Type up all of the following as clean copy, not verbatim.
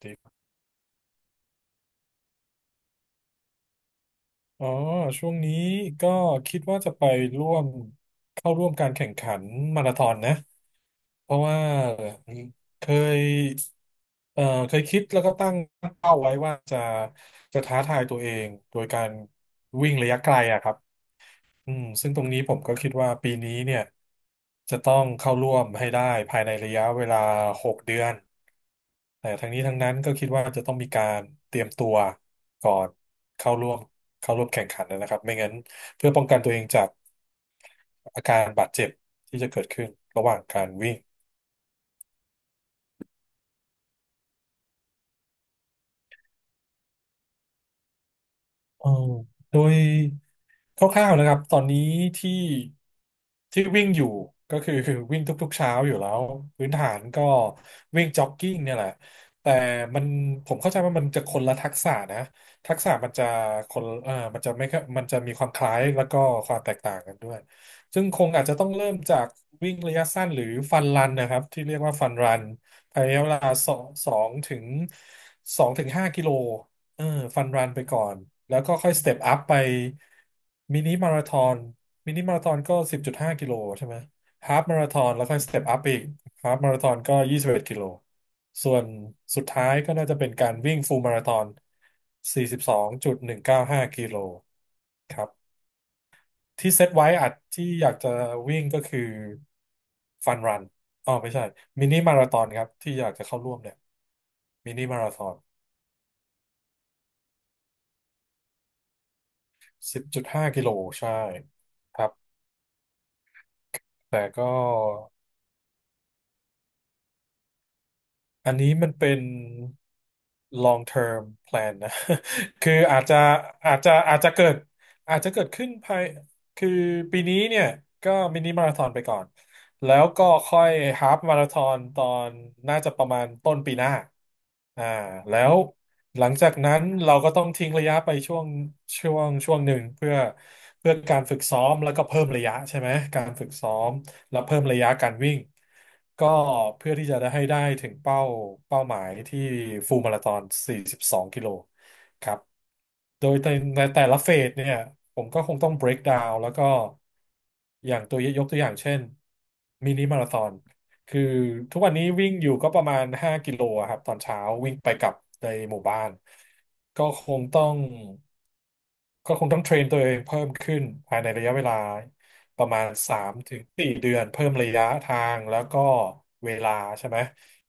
ติดอ๋อช่วงนี้ก็คิดว่าจะไปร่วมเข้าร่วมการแข่งขันมาราธอนนะเพราะว่าเคยเคยคิดแล้วก็ตั้งเป้าไว้ว่าจะท้าทายตัวเองโดยการวิ่งระยะไกลอะครับอืมซึ่งตรงนี้ผมก็คิดว่าปีนี้เนี่ยจะต้องเข้าร่วมให้ได้ภายในระยะเวลาหกเดือน แต่ทั้งนี้ทั้งนั้นก็คิดว่าจะต้องมีการเตรียมตัวก่อนเข้าร่วมแข่งขันนะครับไม่งั้นเพื่อป้องกันตัวเองจากอาการบาดเจ็บที่จะเกิดขึ้นระหว่างการวิ่ง เออโดยคร่าวๆนะครับตอนนี้ที่ที่วิ่งอยู่ก็คือ คือวิ่งทุกๆเช้าอยู่แล้วพื้นฐานก็วิ่งจ็อกกิ้งเนี่ยแหละแต่มันผมเข้าใจว่ามันจะคนละทักษะนะทักษะมันจะคนเออมันจะไม่ค่อยมันจะมีความคล้ายแล้วก็ความแตกต่างกันด้วยซึ่งคงอาจจะต้องเริ่มจากวิ่งระยะสั้นหรือฟันรันนะครับที่เรียกว่าฟันรันภายในเวลาสองสองถึงสองถึงห้ากิโล เออฟันรันไปก่อนแล้วก็ค่อยสเต็ปอัพไปมินิมาราธอนมินิมาราธอนก็สิบจุดห้ากิโลใช่ไหมฮาล์ฟมาราธอนแล้วค่อยสเต็ปอัพอีกฮาล์ฟมาราธอนก็ยี่สิบเอ็ดกิโลส่วนสุดท้ายก็น่าจะเป็นการวิ่งฟูลมาราธอนสี่สิบสองจุดหนึ่งเก้าห้ากิโลครับที่เซตไว้อัดที่อยากจะวิ่งก็คือฟันรันอ๋อไม่ใช่มินิมาราธอนครับที่อยากจะเข้าร่วมเนี่ยมินิมาราธอนสิบจุดห้ากิโลใช่ครับ แต่ก็อันนี้มันเป็น long term plan นะ คืออาจจะเกิดอาจจะเกิดขึ้นภายคือปีนี้เนี่ยก็มินิมาราธอนไปก่อนแล้วก็ค่อยฮาล์ฟมาราธอนนน่าจะประมาณต้นปีหน้าอ่าแล้วหลังจากนั้นเราก็ต้องทิ้งระยะไปช่วงช่วงหนึ่งเพื่อเพื่อการฝึกซ้อมแล้วก็เพิ่มระยะใช่ไหมการฝึกซ้อม แล้วเพิ่มระยะการวิ่งก็เพื่อที่จะได้ให้ได้ถึงเป้าเป้าหมายที่ฟูลมาราธอน42 กิโลครับโดยในแต่ละเฟสเนี่ยผมก็คงต้อง break down แล้วก็อย่างตัวยกตัวอย่างเช่นมินิมาราธอนคือทุกวันนี้วิ่งอยู่ก็ประมาณ5กิโลอะครับตอนเช้าวิ่งไปกลับในหมู่บ้านก็คงต้อง ก็คงต้องเทรนตัวเองเพิ่มขึ้นภายในระยะเวลาประมาณสามถึงสี่เดือนเพิ่มระยะทางแล้วก็เวลาใช่ไหม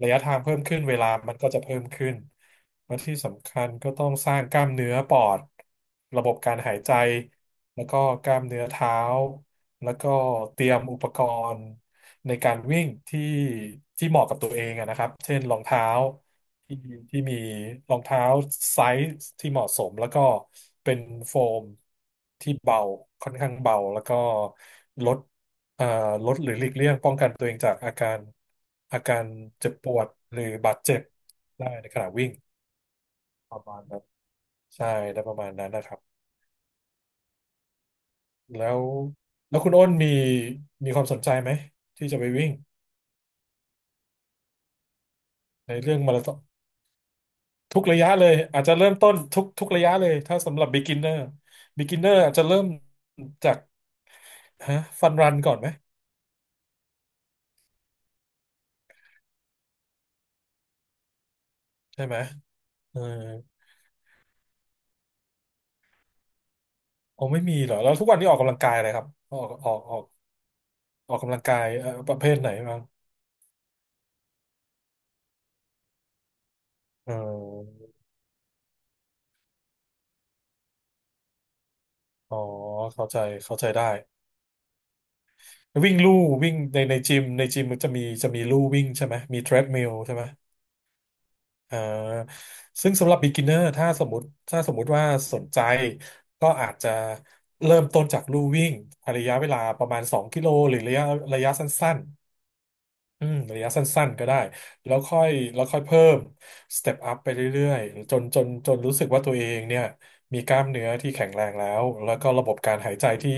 ระยะทางเพิ่มขึ้นเวลามันก็จะเพิ่มขึ้นและที่สำคัญก็ต้องสร้างกล้ามเนื้อปอดระบบการหายใจแล้วก็กล้ามเนื้อเท้าแล้วก็เตรียมอุปกรณ์ในการวิ่งที่เหมาะกับตัวเองอะนะครับเช่นรองเท้า ที่ที่มีรองเท้าไซส์ที่เหมาะสมแล้วก็เป็นโฟมที่เบาค่อนข้างเบาแล้วก็ลดเอ่อลดหรือหลีกเลี่ยงป้องกันตัวเองจากอาการอาการเจ็บปวดหรือบาดเจ็บได้ในขณะวิ่งประมาณนั้นใช่ได้ประมาณนั้นนะครับแล้วแล้วคุณอ้นมีความสนใจไหมที่จะไปวิ่งในเรื่องมาราธอน ทุกระยะเลยอาจจะเริ่มต้นทุกระยะเลยถ้าสำหรับ beginner beginner อาจจะเริ่มจากฮะฟันรันก่อนไหมใช่ไหมเออโอ้ไม่มีเหรอแล้วทุกวันนี้ออกกำลังกายอะไรครับออกออกออกออกกำลังกายประเภทไหนบ้างเอออ๋อเข้าใจเข้าใจได้วิ่งลู่วิ่งในจิมมันจะมีลู่วิ่งใช่ไหมมีเทรดมิลใช่ไหม อ่าซึ่งสำหรับ beginner ถ้าสมมติถ้าสมมุติว่าสนใจ ก็อาจจะเริ่มต้นจากลู่วิ่งระยะเวลาประมาณ2กิโลหรือระยะสั้น อืมระยะสั้นๆก็ได้แล้วค่อยเพิ่มสเต็ปอัพไปเรื่อยๆจนรู้สึกว่าตัวเองเนี่ยมีกล้ามเนื้อที่แข็งแรงแล้วก็ระบบการหายใจ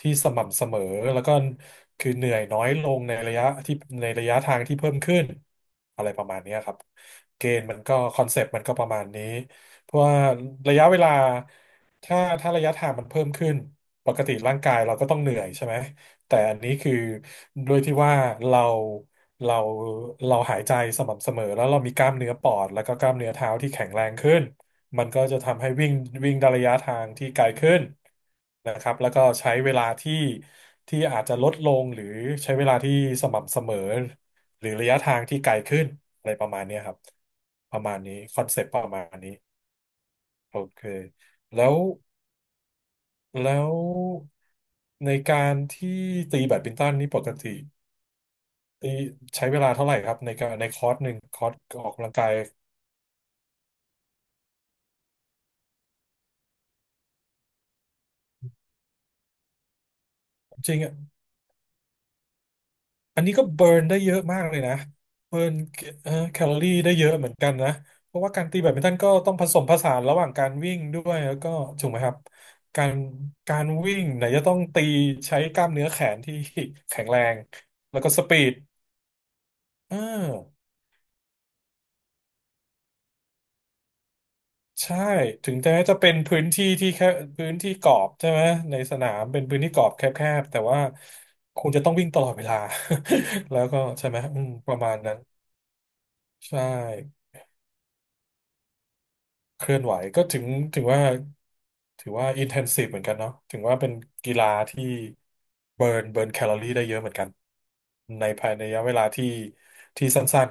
ที่สม่ำเสมอแล้วก็คือเหนื่อยน้อยลงในระยะที่ในระยะทางที่เพิ่มขึ้นอะไรประมาณเนี้ยครับเกณฑ์มันก็คอนเซปต์มันก็ประมาณนี้เพราะว่าระยะเวลาถ้าระยะทางมันเพิ่มขึ้นปกติร่างกายเราก็ต้องเหนื่อยใช่ไหม แต่อันนี้คือด้วยที่ว่าเราเราเราหายใจสม่ำเสมอแล้วเรามีกล้ามเนื้อปอดแล้วก็กล้ามเนื้อเท้าที่แข็งแรงขึ้นมันก็จะทำให้วิ่งวิ่งได้ระยะทางที่ไกลขึ้นนะครับแล้วก็ใช้เวลาที่อาจจะลดลงหรือใช้เวลาที่สม่ำเสมอหรือระยะทางที่ไกลขึ้นอะไรประมาณเนี้ยครับประมาณนี้คอนเซปต์ประมาณนี้โอเคแล้วแล้วในการที่ตีแบดมินตันนี่ปกติ นี่ใช้เวลาเท่าไหร่ครับในการในคอร์สหนึ่งคอร์สออกกำลังกายจริงอะอันนี้ก็เบิร์นได้เยอะมากเลยนะเบิร์นแคลอรี่ได้เยอะเหมือนกันนะเพราะว่าการตีแบดมินตันก็ต้องผสมผสานระหว่างการวิ่งด้วยแล้วก็ถูกไหมครับการการวิ่งไหนจะต้องตีใช้กล้ามเนื้อแขนที่แข็งแรงแล้วก็สปีดเออ ใช่ถึงแม้จะเป็นพื้นที่ที่แค่พื้นที่กรอบใช่ไหมในสนามเป็นพื้นที่กรอบแคบๆแต่ว่าคุณจะต้องวิ่งตลอดเวลา แล้วก็ใช่ไหมอืมประมาณนั้นใช่เคลื่อนไหวก็ถึงว่าถือว่าอินเทนซีฟเหมือนกันเนาะถึงว่าเป็นกีฬาที่เบิร์นแคลอรี่ได้เยอะเหมือนกันในภายในระยะเวลาที่ที่สั้น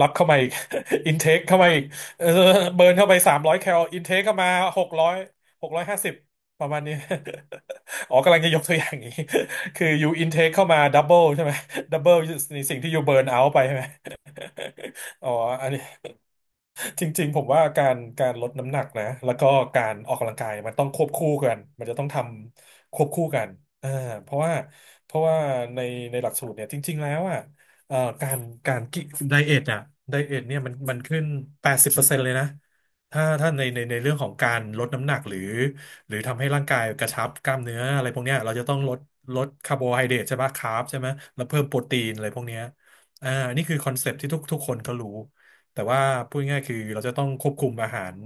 รับเข้ามาอีก อินเทคเข้ามาอีกเออเบิร์นเข้าไปสามร้อยแคลอินเทคเข้ามาหกร้อยหกร้อยห้าสิบประมาณนี้ อ๋อกำลังจะยกตัวอย่างอย่างนี้ คืออยู่อินเทคเข้ามาดับเบิลใช่ไหม ดับเบิลในสิ่งที่อยู่เบิร์นเอาไปใช่ไหม อ๋ออันนี้ จริงๆผมว่าการลดน้ำหนักนะแล้วก็การออกกำลังกายมันต้องควบคู่กันมันจะต้องทำควบคู่กันอ่าเพราะว่าเพราะว่าในหลักสูตรเนี่ยจริงๆแล้วอ่ะการการกิไดเอทอ่ะไดเอทเนี่ยมันขึ้น80%เปอร์เซ็นต์เลยนะถ้าในเรื่องของการลดน้ำหนักหรือหรือทำให้ร่างกายกระชับกล้ามเนื้ออะไรพวกเนี้ยเราจะต้องลดคาร์โบไฮเดรตใช่ไหมคาร์บใช่ไหมแล้วเพิ่มโปรตีนอะไรพวกเนี้ยอ่านี่คือคอนเซปต์ที่ทุกคนก็รู้ แต่ว่าพูดง่ายๆคือเราจะต้องควบคุมอาหาร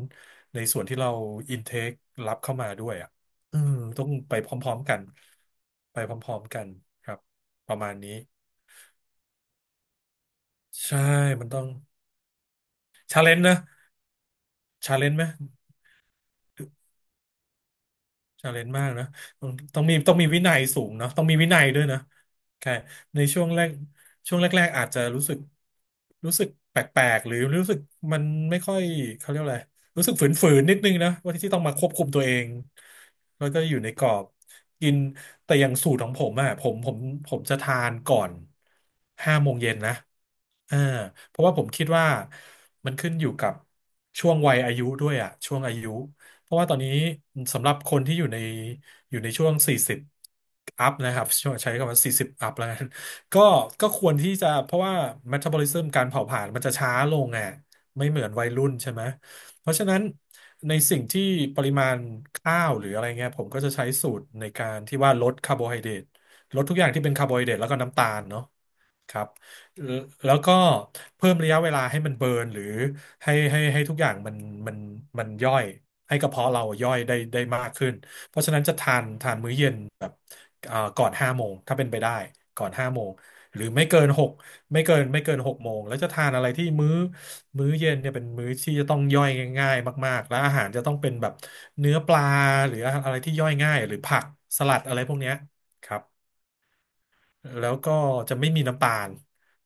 ในส่วนที่เราอินเทครับเข้ามาด้วยอ่ะอืมต้องไปพร้อมๆกันไปพร้อมๆกันครับประมาณนี้ใช่มันต้องชาเลนจ์นะชาเลนจ์ไหม ชาเลนจ์มากนะต้องมีวินัยสูงเนาะต้องมีวินัยด้วยนะใช่ในช่วงแรกช่วงแรกๆอาจจะรู้สึกรู้สึกแปลกๆ หรือรู้สึกมันไม่ค่อยเขาเรียกอะไรรู้สึกฝืนๆนิดนึงนะว่าที่ต้องมาควบคุมตัวเองแล้วก็อยู่ในกรอบ กิน แต่อย่างสูตรของผมอะผมจะทานก่อนห้าโมงเย็นนะอ่าเพราะว่าผมคิดว่ามันขึ้นอยู่กับช่วงวัยอายุด้วยอะช่วงอายุ เพราะว่าตอนนี้สำหรับคนที่อยู่ในช่วง 40 อัพนะครับช่วงใช้คำว่า 40 อัพแล้วกัน ก็ก็ควรที่จะเพราะว่า metabolism การเผาผลาญมันจะช้าลงอ่ะไม่เหมือนวัยรุ่นใช่ไหมเพราะฉะนั้นในสิ่งที่ปริมาณข้าวหรืออะไรเงี้ยผมก็จะใช้สูตรในการที่ว่าลดคาร์โบไฮเดรตลดทุกอย่างที่เป็นคาร์โบไฮเดรตแล้วก็น้ำตาลเนาะครับแล้วก็เพิ่มระยะเวลาให้มันเบิร์นหรือ ให้ทุกอย่างมันมันย่อยให้กระเพาะเราย่อยได้ได้มากขึ้นเพราะฉะนั้นจะทานมื้อเย็นแบบก่อนห้าโมงถ้าเป็นไปได้ก่อนห้าโมงหรือไม่เกินหกไม่เกินหกโมงแล้วจะทานอะไรที่มื้อเย็นเนี่ยเป็นมื้อที่จะต้องย่อยง่ายๆมากๆและอาหารจะต้องเป็นแบบเนื้อปลาหรืออะไรที่ย่อยง่ายหรือผักสลัดอะไรพวกเนี้ยครับ แล้วก็จะไม่มีน้ำตาล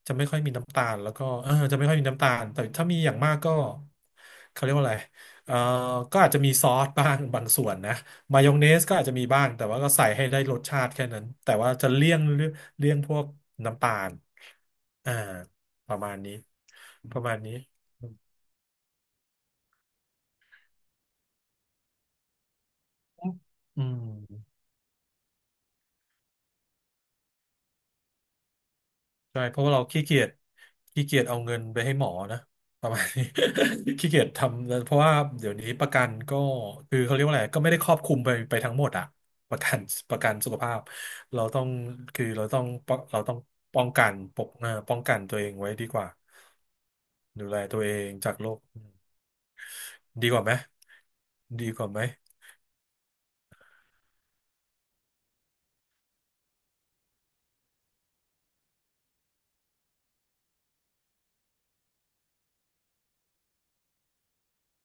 จะไม่ค่อยมีน้ำตาลแล้วก็เออจะไม่ค่อยมีน้ำตาล แต่ถ้ามีอย่างมากก็เขาเรียกว่าอะไรเออก็อาจจะมีซอสบ้าง บางส่วนนะมายองเนสก็อาจจะมีบ้าง แต่ว่าก็ใส่ให้ได้รสชาติแค่นั้น แต่ว่าจะเลี่ยงพวกน้ำตาลอ่าประมาณนี้ประมาณนี้อืม ใช่เพราะว่าเราขี้เกียจเอาเงินไปให้หมอนะประมาณนี้ ขี้เกียจทำเพราะว่าเดี๋ยวนี้ประกันก็คือเขาเรียกว่าอะไรก็ไม่ได้ครอบคลุมไปทั้งหมดอะประกัน ประกันสุขภาพเราต้องคือเราต้องป้องเราต้องป้องกันปกเอ่อป้องกันตัวเองไว้ดีกว่าดูแลตัวเองจากโรคอืมดีกว่าไหมดีกว่าไหม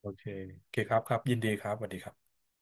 โอเคโอเคครับครับยินดีครับสวัสดีครับ